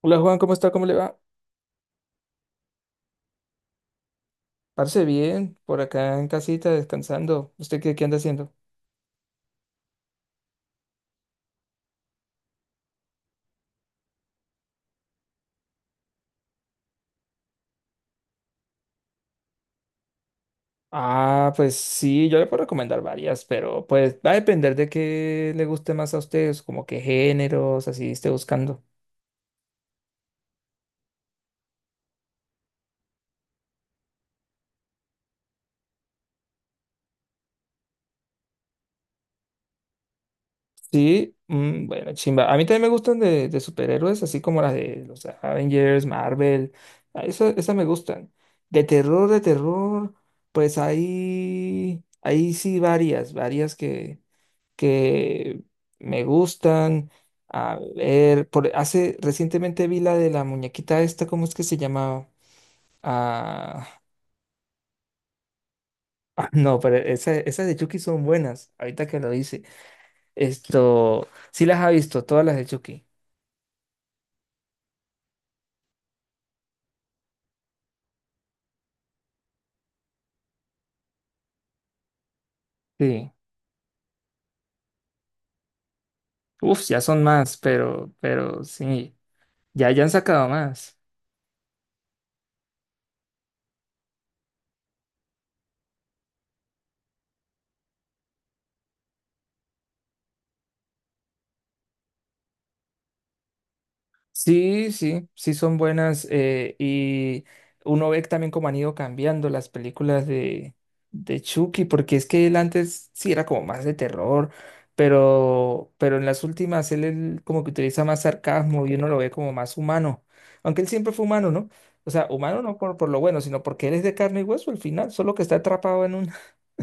Hola Juan, ¿cómo está? ¿Cómo le va? Parece bien, por acá en casita descansando. ¿Usted qué anda haciendo? Ah, pues sí, yo le puedo recomendar varias, pero pues va a depender de qué le guste más a ustedes, como qué géneros, así esté buscando. Sí, mm, bueno, chimba. A mí también me gustan de superhéroes, así como las de los Avengers, Marvel. Ah, esas me gustan. De terror, pues ahí sí varias, varias que me gustan. A ver, hace recientemente vi la de la muñequita esta, ¿cómo es que se llamaba? Ah, ah, no, pero esas de Chucky son buenas, ahorita que lo dice. Esto, sí las ha visto, todas las de Chucky. Sí. Uf, ya son más, pero sí, ya han sacado más. Sí, sí, sí son buenas, y uno ve también cómo han ido cambiando las películas de Chucky, porque es que él antes sí era como más de terror, pero en las últimas él como que utiliza más sarcasmo y uno lo ve como más humano, aunque él siempre fue humano, ¿no? O sea, humano no por lo bueno, sino porque él es de carne y hueso al final, solo que está atrapado en un,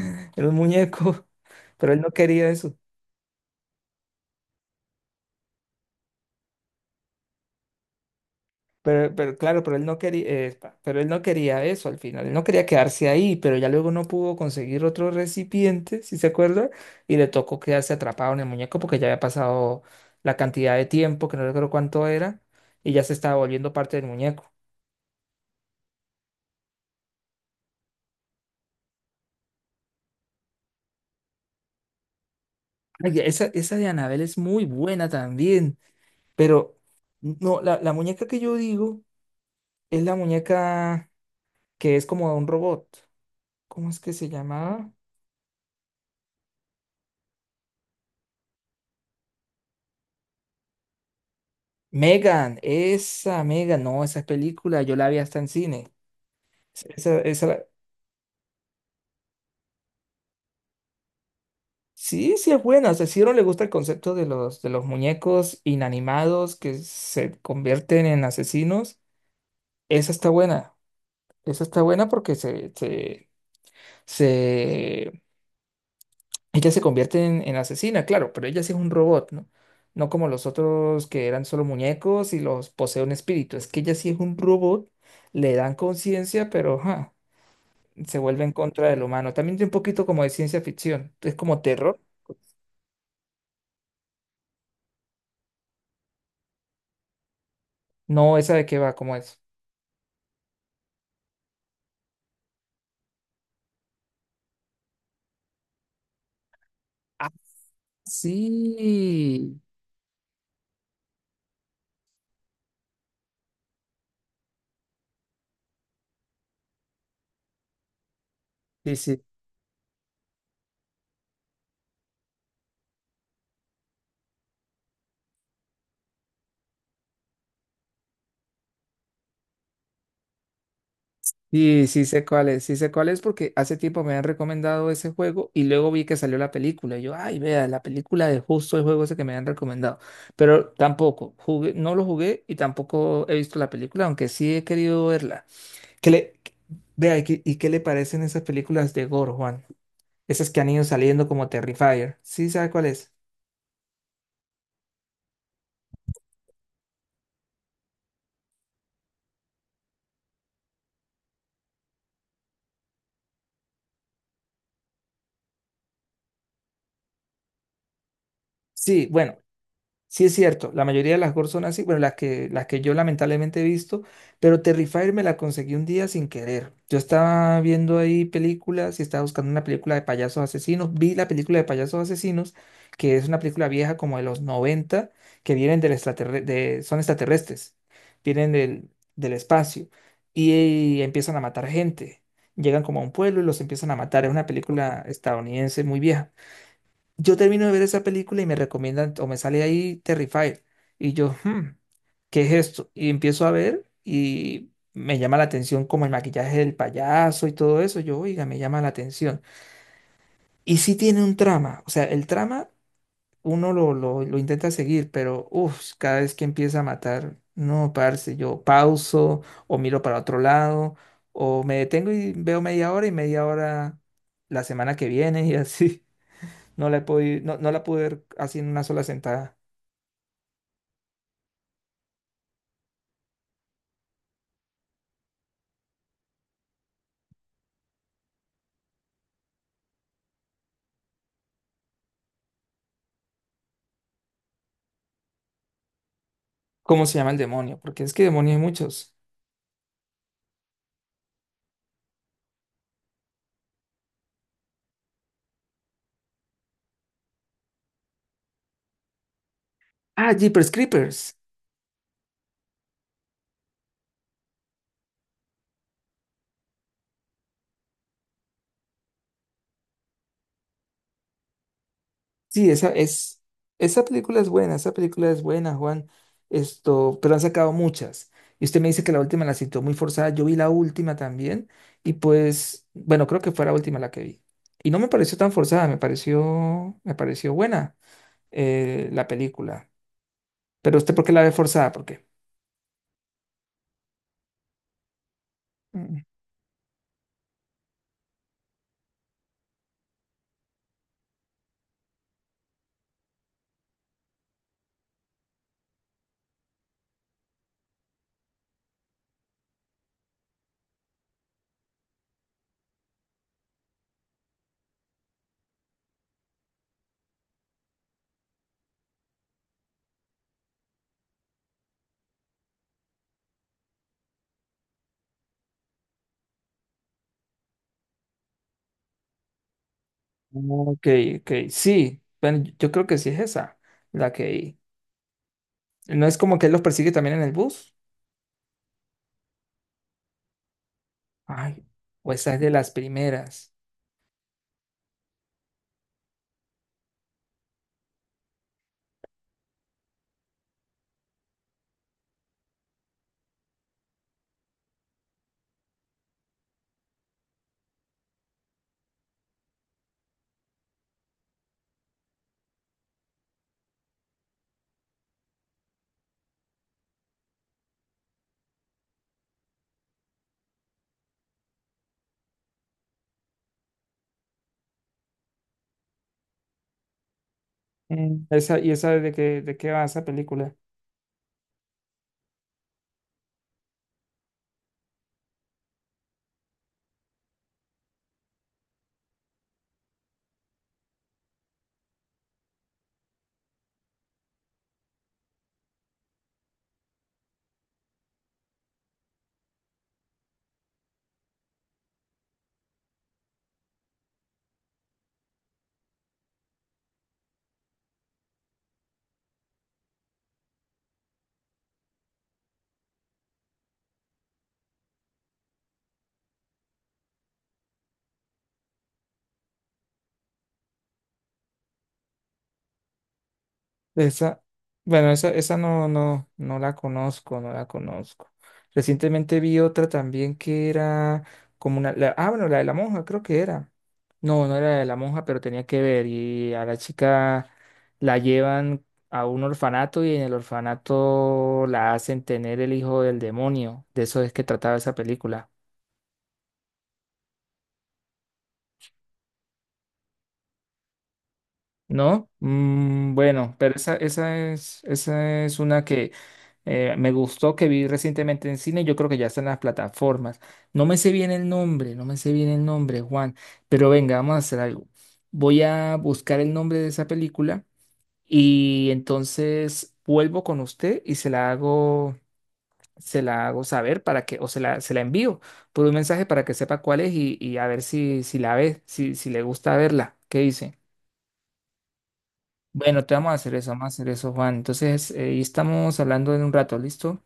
en un muñeco, pero él no quería eso. Pero claro, pero él no quería, pero él no quería eso al final, él no quería quedarse ahí, pero ya luego no pudo conseguir otro recipiente, si se acuerda, y le tocó quedarse atrapado en el muñeco porque ya había pasado la cantidad de tiempo, que no recuerdo cuánto era, y ya se estaba volviendo parte del muñeco. Ay, esa de Anabel es muy buena también, pero no, la muñeca que yo digo es la muñeca que es como un robot. ¿Cómo es que se llamaba? Megan, esa Megan, no, esa película yo la vi hasta en cine. Esa, esa la- Sí, sí es buena. O sea, si a uno le gusta el concepto de de los muñecos inanimados que se convierten en asesinos, esa está buena. Esa está buena porque se... ella se convierte en asesina, claro, pero ella sí es un robot, ¿no? No como los otros que eran solo muñecos y los posee un espíritu. Es que ella sí es un robot, le dan conciencia, pero... ajá. Se vuelve en contra del humano. También tiene un poquito como de ciencia ficción, es como terror. No, esa de qué va, como es. Ah, sí. Sí, sí. Sí, sí sé cuál es, sí sé cuál es porque hace tiempo me han recomendado ese juego y luego vi que salió la película. Y yo, ay, vea, la película de justo el juego ese que me han recomendado. Pero tampoco, jugué, no lo jugué y tampoco he visto la película, aunque sí he querido verla. ¿Qué le, qué- vea, ¿y y qué le parecen esas películas de gore, Juan? Esas que han ido saliendo como Terrifier. ¿Sí sabe cuál es? Sí, bueno, sí es cierto, la mayoría de las GOR son así, bueno, las que yo lamentablemente he visto, pero Terrifier me la conseguí un día sin querer. Yo estaba viendo ahí películas y estaba buscando una película de payasos asesinos, vi la película de payasos asesinos, que es una película vieja como de los 90, que vienen del son extraterrestres, vienen del espacio y empiezan a matar gente. Llegan como a un pueblo y los empiezan a matar. Es una película estadounidense muy vieja. Yo termino de ver esa película y me recomiendan, o me sale ahí Terrifier. Y yo, "Hmm, ¿qué es esto?" Y empiezo a ver y me llama la atención como el maquillaje del payaso y todo eso. Yo, oiga, me llama la atención. Y sí tiene un trama, o sea, el trama uno lo intenta seguir, pero uff, cada vez que empieza a matar, no, parce, yo pauso o miro para otro lado o me detengo y veo media hora y media hora la semana que viene y así. No la he podido, no la pude ver así en una sola sentada. ¿Cómo se llama el demonio? Porque es que demonios hay muchos. Ah, Jeepers Creepers. Sí, esa es, esa película es buena, esa película es buena, Juan. Esto, pero han sacado muchas. Y usted me dice que la última la citó muy forzada. Yo vi la última también. Y pues, bueno, creo que fue la última la que vi. Y no me pareció tan forzada, me pareció buena, la película. Pero usted, ¿por qué la ve forzada? ¿Por qué? Ok, ok, sí. Bueno, yo creo que sí es esa, la que... ¿No es como que él los persigue también en el bus? Ay, o esa es de las primeras. Mm, esa, ¿y esa de qué va esa película? Esa, bueno, esa no, no la conozco, no la conozco. Recientemente vi otra también que era como bueno, la de la monja, creo que era. No, no era la de la monja, pero tenía que ver. Y a la chica la llevan a un orfanato y en el orfanato la hacen tener el hijo del demonio. De eso es que trataba esa película. ¿No? Mm, bueno, pero esa es una que me gustó, que vi recientemente en cine, yo creo que ya está en las plataformas. No me sé bien el nombre, no me sé bien el nombre, Juan, pero venga, vamos a hacer algo. Voy a buscar el nombre de esa película y entonces vuelvo con usted y se la hago saber para que, o se la envío por un mensaje para que sepa cuál es y a ver si, si la ve, si, si le gusta verla. ¿Qué dice? Bueno, te vamos a hacer eso, vamos a hacer eso, Juan. Entonces, ahí estamos hablando en un rato, ¿listo?